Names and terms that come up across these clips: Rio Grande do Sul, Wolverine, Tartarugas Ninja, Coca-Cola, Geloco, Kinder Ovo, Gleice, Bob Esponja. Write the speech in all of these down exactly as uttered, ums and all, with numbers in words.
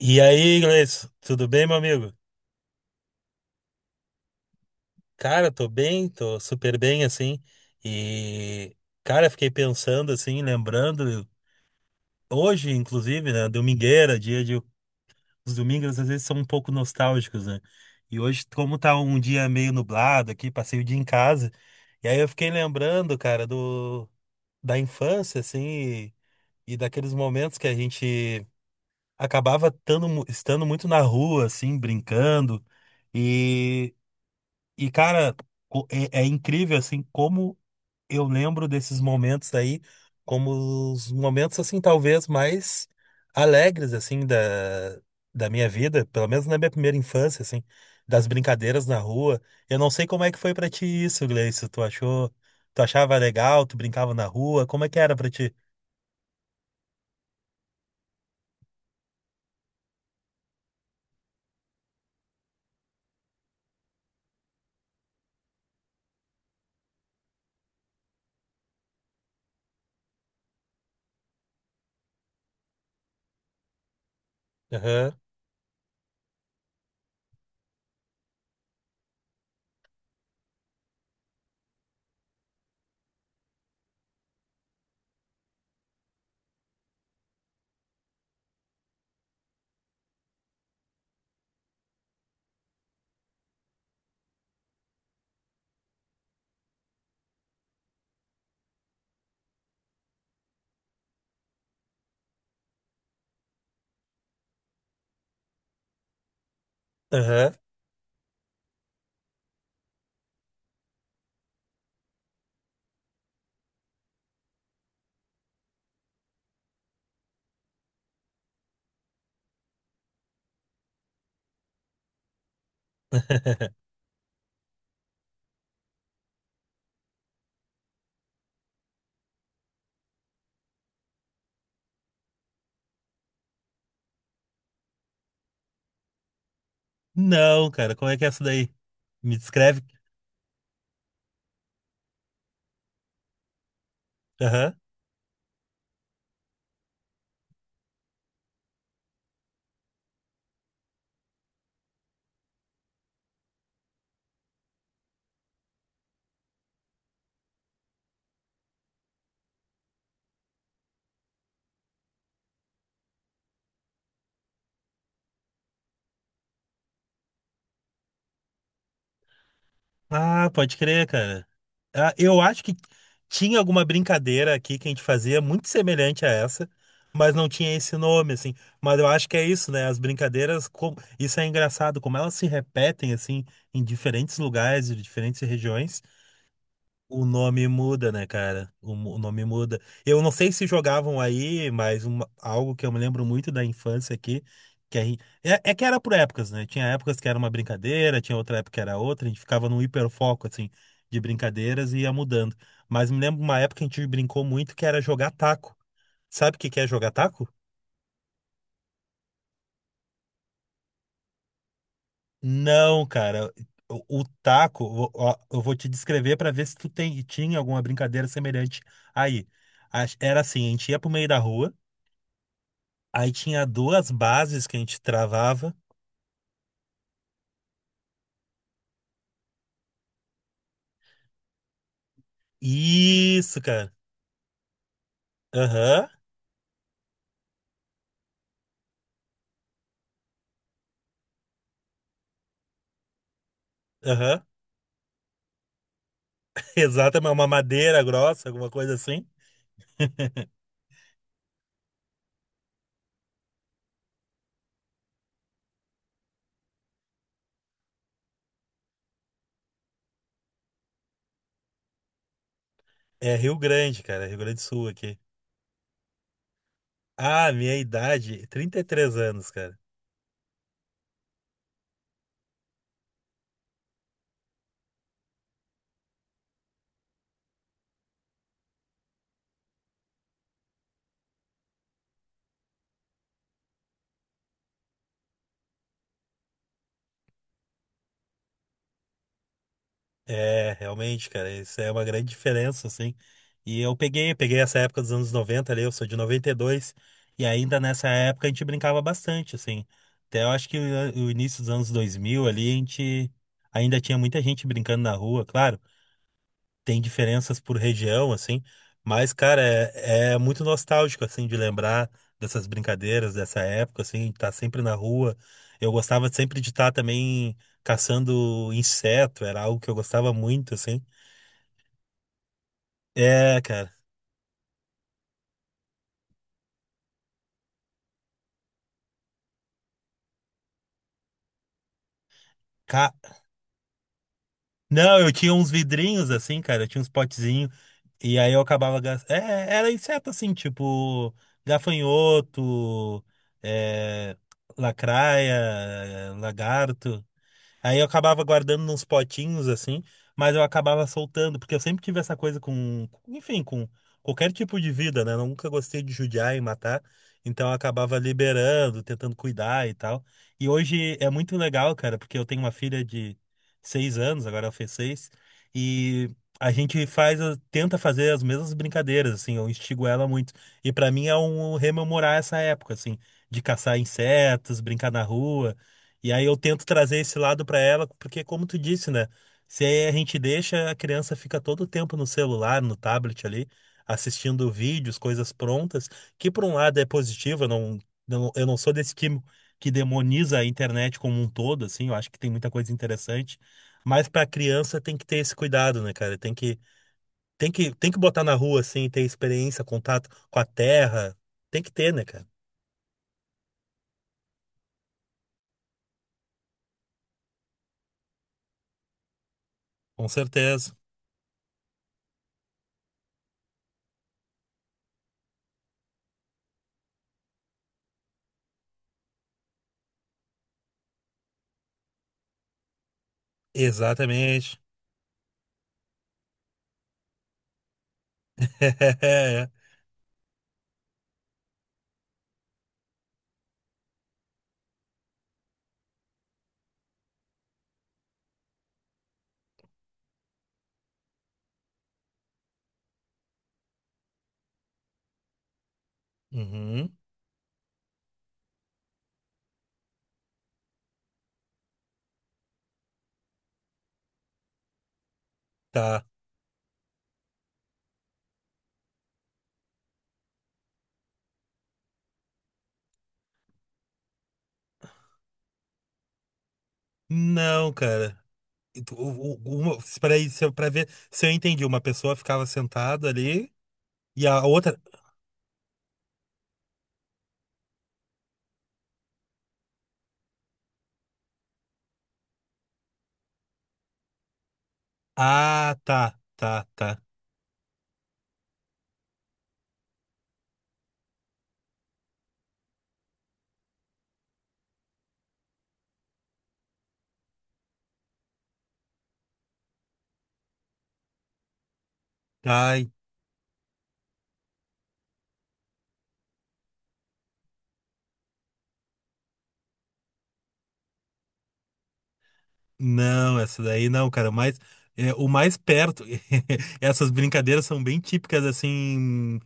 E aí, Gleice, tudo bem, meu amigo? Cara, tô bem, tô super bem, assim. E, Cara, fiquei pensando, assim, lembrando, hoje, inclusive, né, domingueira, dia de. Os domingos às vezes são um pouco nostálgicos, né? E hoje, como tá um dia meio nublado aqui, passei o dia em casa. E aí eu fiquei lembrando, cara, do, da infância, assim, e, e daqueles momentos que a gente acabava tando mu- estando muito na rua, assim, brincando. E. E, cara, co- é, é incrível, assim, como eu lembro desses momentos aí, como os momentos, assim, talvez mais alegres, assim, da, da minha vida, pelo menos na minha primeira infância, assim, das brincadeiras na rua. Eu não sei como é que foi pra ti isso, Gleice. Tu achou, tu achava legal, tu brincava na rua, como é que era pra ti? Aham, aham. Não, cara, como é que é essa daí? Me descreve. Ah, pode crer, cara. Ah, eu acho que tinha alguma brincadeira aqui que a gente fazia muito semelhante a essa, mas não tinha esse nome, assim. Mas eu acho que é isso, né? As brincadeiras, como isso é engraçado, como elas se repetem, assim, em diferentes lugares, e diferentes regiões. O nome muda, né, cara? O, mu- o nome muda. Eu não sei se jogavam aí, mas uma- algo que eu me lembro muito da infância aqui, que a gente, é, é que era por épocas, né? Tinha épocas que era uma brincadeira, tinha outra época que era outra, a gente ficava num hiperfoco, assim, de brincadeiras e ia mudando. Mas me lembro uma época que a gente brincou muito que era jogar taco. Sabe o que que é jogar taco? Não, cara. O, o taco, ó, ó, eu vou te descrever pra ver se tu tem, tinha alguma brincadeira semelhante aí. Ach- Era assim, a gente ia pro meio da rua. Aí tinha duas bases que a gente travava. Isso, cara. Aham, aham. Exatamente, uma madeira grossa, alguma coisa assim. É Rio Grande, cara, Rio Grande do Sul aqui. Ah, minha idade, trinta e três anos, cara. É, realmente, cara, isso é uma grande diferença, assim. E eu peguei, peguei essa época dos anos noventa, ali, eu sou de noventa e dois. E ainda nessa época a gente brincava bastante, assim. Até eu acho que o, o início dos anos dois mil, ali, a gente ainda tinha muita gente brincando na rua, claro. Tem diferenças por região, assim, mas, cara, é, é muito nostálgico, assim, de lembrar dessas brincadeiras dessa época, assim, de estar sempre na rua. Eu gostava sempre de estar também caçando inseto, era algo que eu gostava muito, assim. É, cara. Ca- Não, eu tinha uns vidrinhos, assim, cara, eu tinha uns potezinhos, e aí eu acabava gastando. É, era inseto, assim, tipo gafanhoto, é, lacraia, lagarto. Aí eu acabava guardando nos potinhos assim, mas eu acabava soltando, porque eu sempre tive essa coisa com, enfim, com qualquer tipo de vida, né? Eu nunca gostei de judiar e matar, então eu acabava liberando, tentando cuidar e tal. E hoje é muito legal, cara, porque eu tenho uma filha de seis anos, agora ela fez seis, e a gente faz, tenta fazer as mesmas brincadeiras, assim, eu instigo ela muito. E pra mim é um rememorar essa época, assim, de caçar insetos, brincar na rua. E aí eu tento trazer esse lado para ela, porque como tu disse, né? Se a gente deixa, a criança fica todo o tempo no celular, no tablet ali, assistindo vídeos, coisas prontas, que por um lado é positivo, eu não, não- eu não sou desse que, que demoniza a internet como um todo, assim, eu acho que tem muita coisa interessante, mas para a criança tem que ter esse cuidado, né, cara? Tem que, tem que, tem que botar na rua, assim, ter experiência, contato com a terra, tem que ter, né, cara? Com certeza. Exatamente. Uhum, tá. Não, cara. E tu- o- o- Uma, peraí, se eu, pra ver se eu entendi. Uma pessoa ficava sentada ali e a outra. Ah, tá, tá, tá. Ai, não, essa daí não, cara. Mas é, o mais perto. Essas brincadeiras são bem típicas, assim,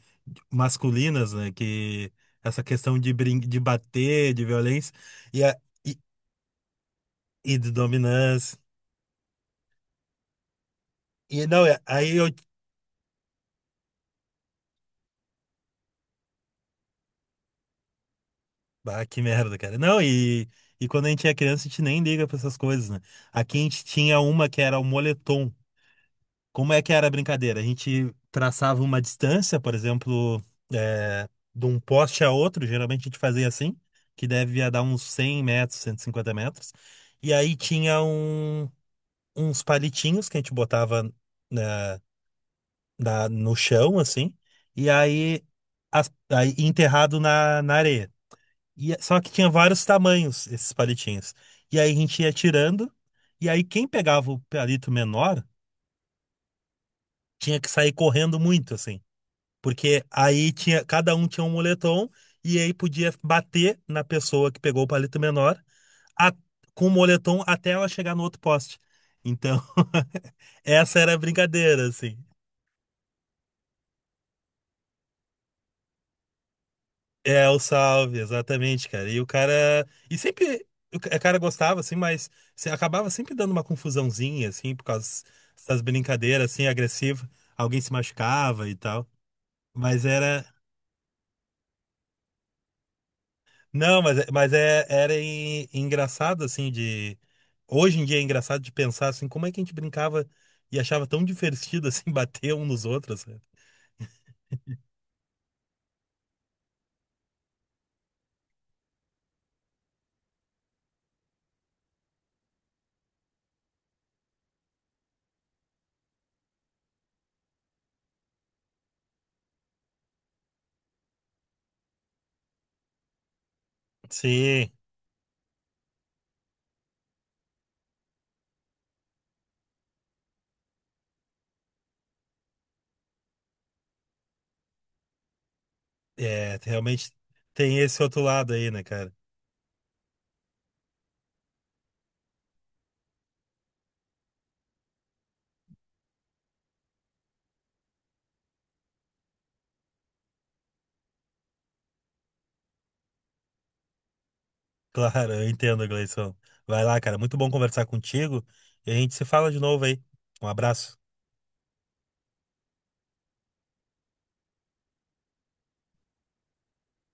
masculinas, né? Que essa questão de, brin de bater, de violência e, a, e, e de dominância. E não, é- aí eu Bah, que merda, cara. Não, e, e quando a gente é criança, a gente nem liga pra essas coisas, né? Aqui a gente tinha uma que era o moletom. Como é que era a brincadeira? A gente traçava uma distância, por exemplo, é, de um poste a outro, geralmente a gente fazia assim, que devia dar uns cem metros, cento e cinquenta metros. E aí tinha um, uns palitinhos que a gente botava na, na- no chão, assim, e aí, as- aí enterrado na na areia. E, a- só que tinha vários tamanhos esses palitinhos. E aí a gente ia tirando, e aí quem pegava o palito menor tinha que sair correndo muito, assim. Porque aí tinha, cada um tinha um moletom, e aí podia bater na pessoa que pegou o palito menor a- com o moletom até ela chegar no outro poste. Então, essa era a brincadeira, assim. É, o Salve, exatamente, cara. E o cara. E sempre. O ca- o cara gostava, assim, mas se- acabava sempre dando uma confusãozinha, assim, por causa dessas brincadeiras, assim, agressivas. Alguém se machucava e tal. Mas era. Não, mas, é- mas É, era en- engraçado, assim, de. Hoje em dia é engraçado de pensar, assim, como é que a gente brincava e achava tão divertido, assim, bater um nos outros. Né? Sim. É, realmente tem esse outro lado aí, né, cara? Claro, eu entendo, Gleison. Vai lá, cara. Muito bom conversar contigo. E a gente se fala de novo aí. Um abraço.